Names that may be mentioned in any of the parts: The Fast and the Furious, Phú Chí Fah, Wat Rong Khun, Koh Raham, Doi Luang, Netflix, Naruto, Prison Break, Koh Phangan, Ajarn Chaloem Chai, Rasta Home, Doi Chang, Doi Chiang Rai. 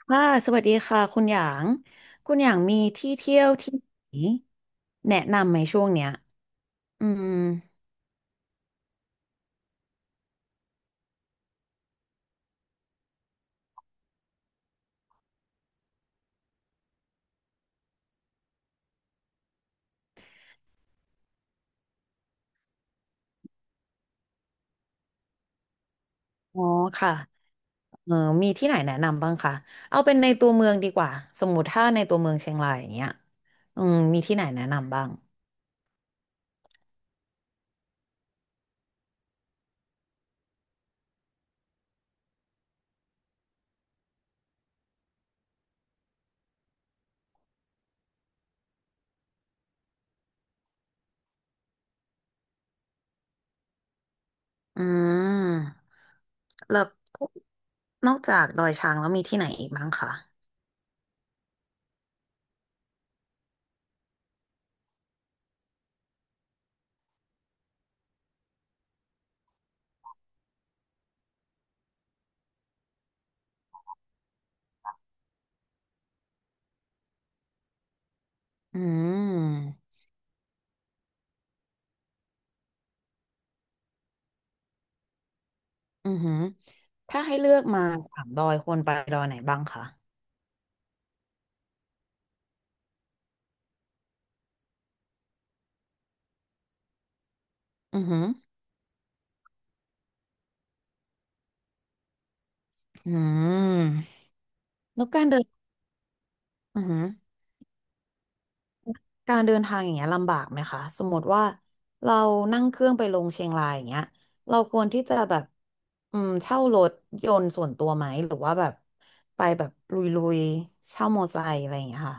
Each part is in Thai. ค่ะสวัสดีค่ะคุณหยางคุณหยางมีที่เที่ยวที่ไหนแนะนำไหมช่วงเนี้ยอืมอ๋อค่ะเออมีที่ไหนแนะนำบ้างคะเอาเป็นในตัวเมืองดีกว่าสมมติถ้าในตัวเมืองเชียงรายอย่างเงี้ยอืมมีที่ไหนแนะนำบ้างอืมแล้วนอกจากดอยช้างแล้วมีที่ไหนอีกบ้างคะอืมอือหือถ้าให้เลือกมาสามดอยควรไปดอยไหนบ้างคะอือหืออืมแล้วการเดินอือหือ การเดินทางอย่างเงี้ยลำบากไหมคะสมมติว่าเรานั่งเครื่องไปลงเชียงรายอย่างเงี้ยเราควรที่จะแบบอืมเช่ารถยนต์ส่วนตัวไหมหรือว่าแบบไปแบบลุยๆเช่ามอไซค์อะไรอย่างเงี้ยค่ะ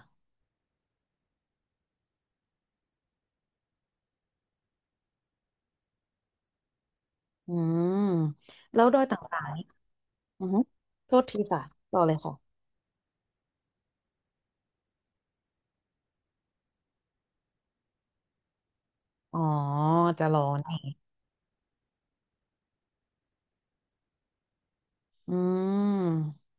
อืมแล้วโดยต่างๆนี่อือฮึโทษทีค่ะต่อเลยค่ะอ๋อจะรอนี่อืม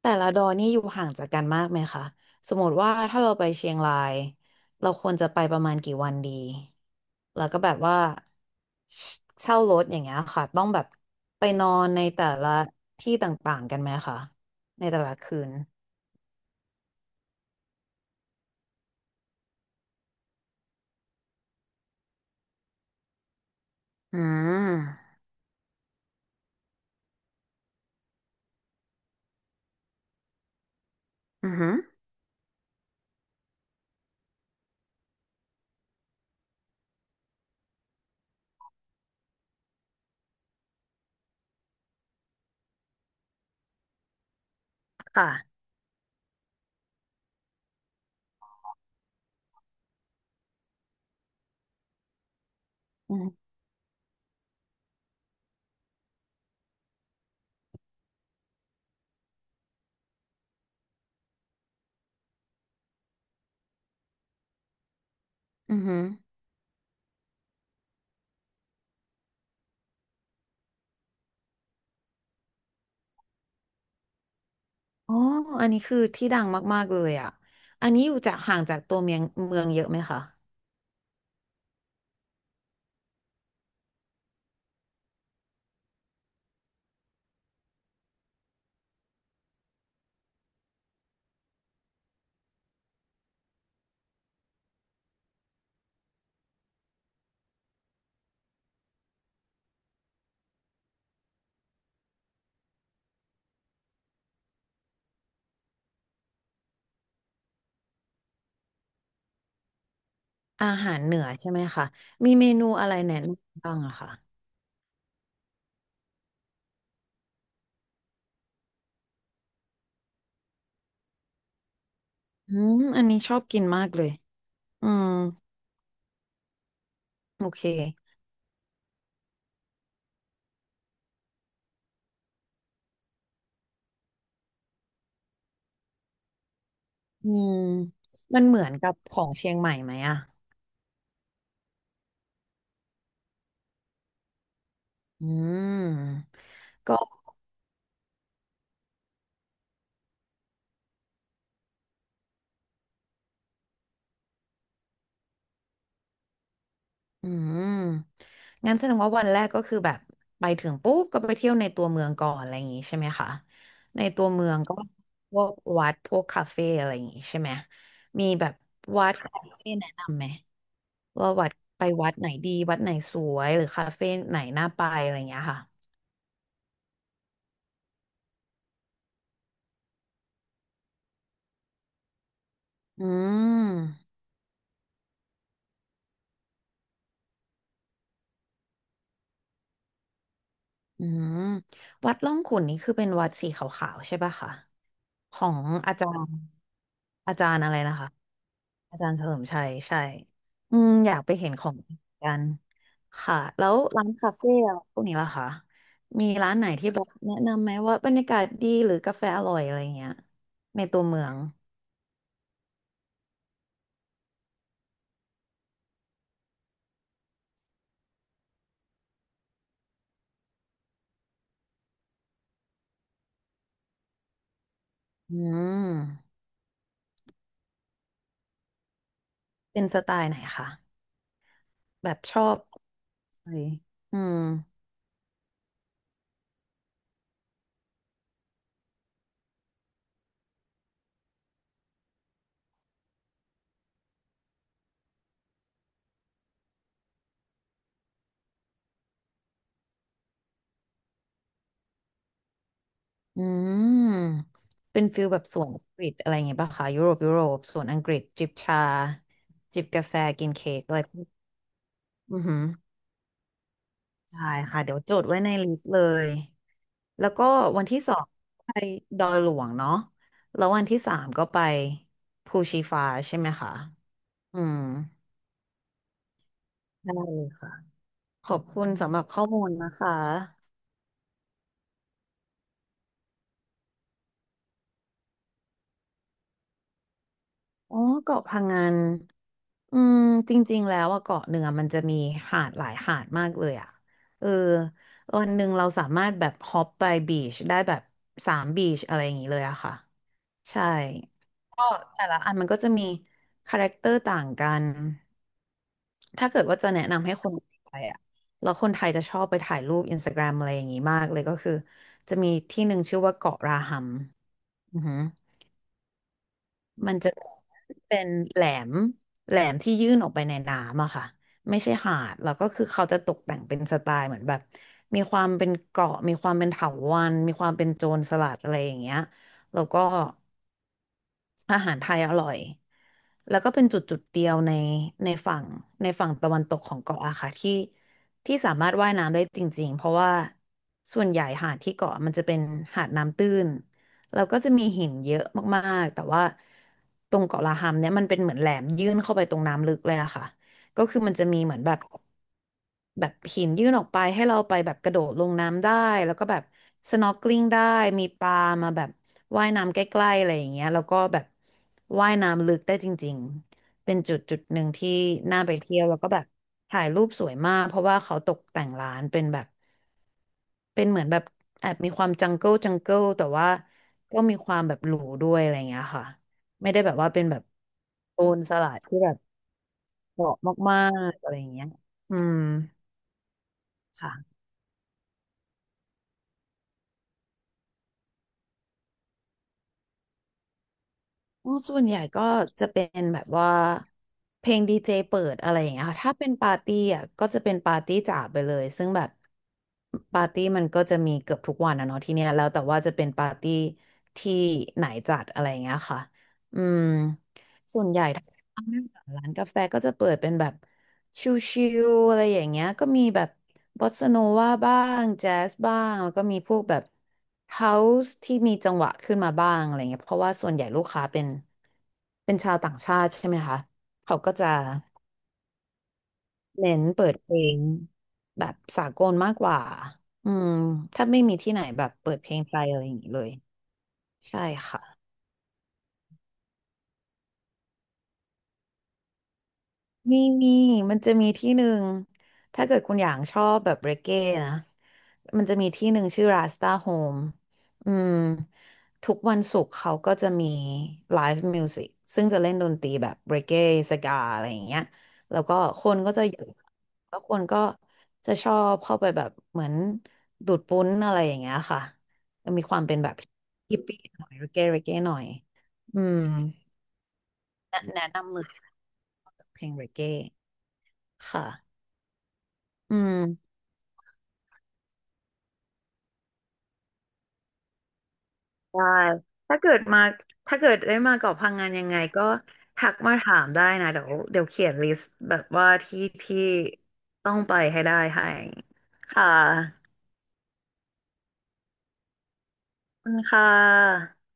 แต่ละดอยนี่อยู่ห่างจากกันมากไหมคะสมมติว่าถ้าเราไปเชียงรายเราควรจะไปประมาณกี่วันดีแล้วก็แบบว่าเชเช่ารถอย่างเงี้ยค่ะต้องแบบไปนอนในแต่ละที่ต่างๆกันไหมคะในแต่ละคืนอืมอือหือค่ะอืมอือหืออ๋ออันนี้คือที่ดังมากๆเลยอ่ะอันนี้อยู่จากห่างจากตัวเมืองเยอะไหมคะอาหารเหนือใช่ไหมคะมีเมนูอะไรแนะนำบ้างอะคะ อืมอันนี้ชอบกินมากเลยอืมโอเคอืมมันเหมือนกับของเชียงใหม่ไหมอ่ะอืมก็อืมงั้นแสดงว่าวันแรกก็คือแบบไปถึงปุ๊บก็ไปเที่ยวในตัวเมืองก่อนอะไรอย่างงี้ใช่ไหมคะในตัวเมืองก็พวกวัดพวกคาเฟ่อะไรอย่างงี้ใช่ไหมมีแบบวัดคาเฟ่แนะนำไหมว่าวัดไปวัดไหนดีวัดไหนสวยหรือคาเฟ่ไหนน่าไปอะไรอย่างเงี้ยค่ะอืม อืมวัดร่องขุ่นนี่คือเป็นวัดสีขาวๆใช่ป่ะคะของอาจารย์อาจารย์อะไรนะคะอาจารย์เฉลิมชัยใช่อืมอยากไปเห็นของจริงกันค่ะแล้วร้านคาเฟ่อะพวกนี้ล่ะคะมีร้านไหนที่แบบแนะนำไหมว่าบรรยากาศดีหรือกาแฟอร่อยอะไรเงี้ยในตัวเมืองอืมเป็นสไตล์ไหนคะแบบชอบอะไรอืม อืมเป็นฟิลแบบสวนอังกฤษอะไรอย่างเงี้ยป่ะคะยุโรปยุโรปสวนอังกฤษจิบชาจิบกาแฟกินเค้กอะไรพวกอือหือใช่ค่ะเดี๋ยวจดไว้ในลิสต์เลยแล้วก็วันที่สองไปดอยหลวงเนาะแล้ววันที่สามก็ไปภูชีฟ้าใช่ไหมคะอืมได้เลยค่ะขอบคุณสำหรับข้อมูลนะคะ อ๋อเกาะพังงานอืมจริงๆแล้วอะเกาะหนึ่งอะมันจะมีหาดหลายหาดมากเลยอะเออวันหนึ่งเราสามารถแบบฮอปไปบีชได้แบบสามบีชอะไรอย่างนี้เลยอะค่ะใช่ก็แต่ละอันมันก็จะมีคาแรคเตอร์ต่างกันถ้าเกิดว่าจะแนะนำให้คนไทยอะแล้วคนไทยจะชอบไปถ่ายรูปอินสตาแกรมอะไรอย่างนี้มากเลยก็คือจะมีที่หนึ่งชื่อว่าเกาะราหัมอือหือ มันจะเป็นมแหลมที่ยื่นออกไปในน้ำอะค่ะไม่ใช่หาดแล้วก็คือเขาจะตกแต่งเป็นสไตล์เหมือนแบบมีความเป็นเกาะมีความเป็นเถาวัลย์มีความเป็นโจรสลัดอะไรอย่างเงี้ยแล้วก็อาหารไทยอร่อย แล้วก็เป็นจุดจุดเดียวในในฝั่งในฝั่งตะวันตกของเกาะอะค่ะที่ที่สามารถว่ายน้ำได้จริงๆเพราะว่าส่วนใหญ่หาดที่เกาะมันจะเป็นหาดน้ำตื้นแล้วก็จะมีหินเยอะมากๆแต่ว่าตรงเกาะลาฮัมเนี่ยมันเป็นเหมือนแหลมยื่นเข้าไปตรงน้ำลึกเลยอะค่ะก็คือมันจะมีเหมือนแบบ แบบหินยื่นออกไปให้เราไปแบบกระโดดลงน้ำได้แล้วก็แบบ s n o r k e l i งได้มีปลามาแบบว่ายน้ำใกล้ๆอะไรอย่างเงี้ยแล้วก็แบบว่ายน้ำลึกได้จริงๆเป็นจุดจุดหนึ่งที่น่าไปเที่ยวแล้วก็แบบถ่ายรูปสวยมากเพราะว่าเขาตกแต่งร้านเป็นแบบเป็นเหมือนแบบแอบมีความจังเกิลจังเกิลแต่ว่าก็มีความแบบหรูด้วยอะไรอย่างเงี้ยค่ะไม่ได้แบบว่าเป็นแบบโซนสลัดที่แบบเหมาะมากๆอะไรอย่างเงี้ยอืมค่ะ อ๋อส่วนใหญ่ก็จะเป็นแบบว่าเพลงดีเจเปิดอะไรอย่างเงี้ยค่ะถ้าเป็นปาร์ตี้อ่ะก็จะเป็นปาร์ตี้จ๋าไปเลยซึ่งแบบปาร์ตี้มันก็จะมีเกือบทุกวันอะเนาะที่เนี้ยแล้วแต่ว่าจะเป็นปาร์ตี้ที่ไหนจัดอะไรอย่างเงี้ยค่ะอืมส่วนใหญ่ถ้านั่งร้านกาแฟก็จะเปิดเป็นแบบชิลๆอะไรอย่างเงี้ยก็มีแบบ บอสซาโนวาบ้างแจ๊สบ้างแล้วก็มีพวกแบบเฮาส์ที่มีจังหวะขึ้นมาบ้างอะไรเงี้ยเพราะว่าส่วนใหญ่ลูกค้าเป็นเป็นชาวต่างชาติใช่ไหมคะเขาก็จะเน้นเปิดเพลงแบบสากลมากกว่าอืมถ้าไม่มีที่ไหนแบบเปิดเพลงไทยอะไรอย่างนี้เลยใช่ค่ะ มีมีมันจะมีที่หนึ่งถ้าเกิดคุณอย่างชอบแบบเรเก้นะมันจะมีที่หนึ่งชื่อราสตาโฮมอืมทุกวันศุกร์เขาก็จะมีไลฟ์มิวสิกซึ่งจะเล่นดนตรีแบบเรเก้สกาอะไรอย่างเงี้ยแล้วก็คนก็จะเยอะแล้วคนก็จะชอบเข้าไปแบบเหมือนดูดปุ้นอะไรอย่างเงี้ยค่ะมีความเป็นแบบฮิปปี้หน่อยเรเก้เรเก้หน่อยอืมแนะนำเลยเพลงเรเก้ค่ะ อืมได้ถ้าเกิดมาถ้าเกิดได้มาเกาะพังงานยังไงก็ทักมาถามได้นะเดี๋ยวเขียนลิสต์แบบว่าที่ที่ต้องไปให้ได้ให้ค่ะขอบคุณค่ะ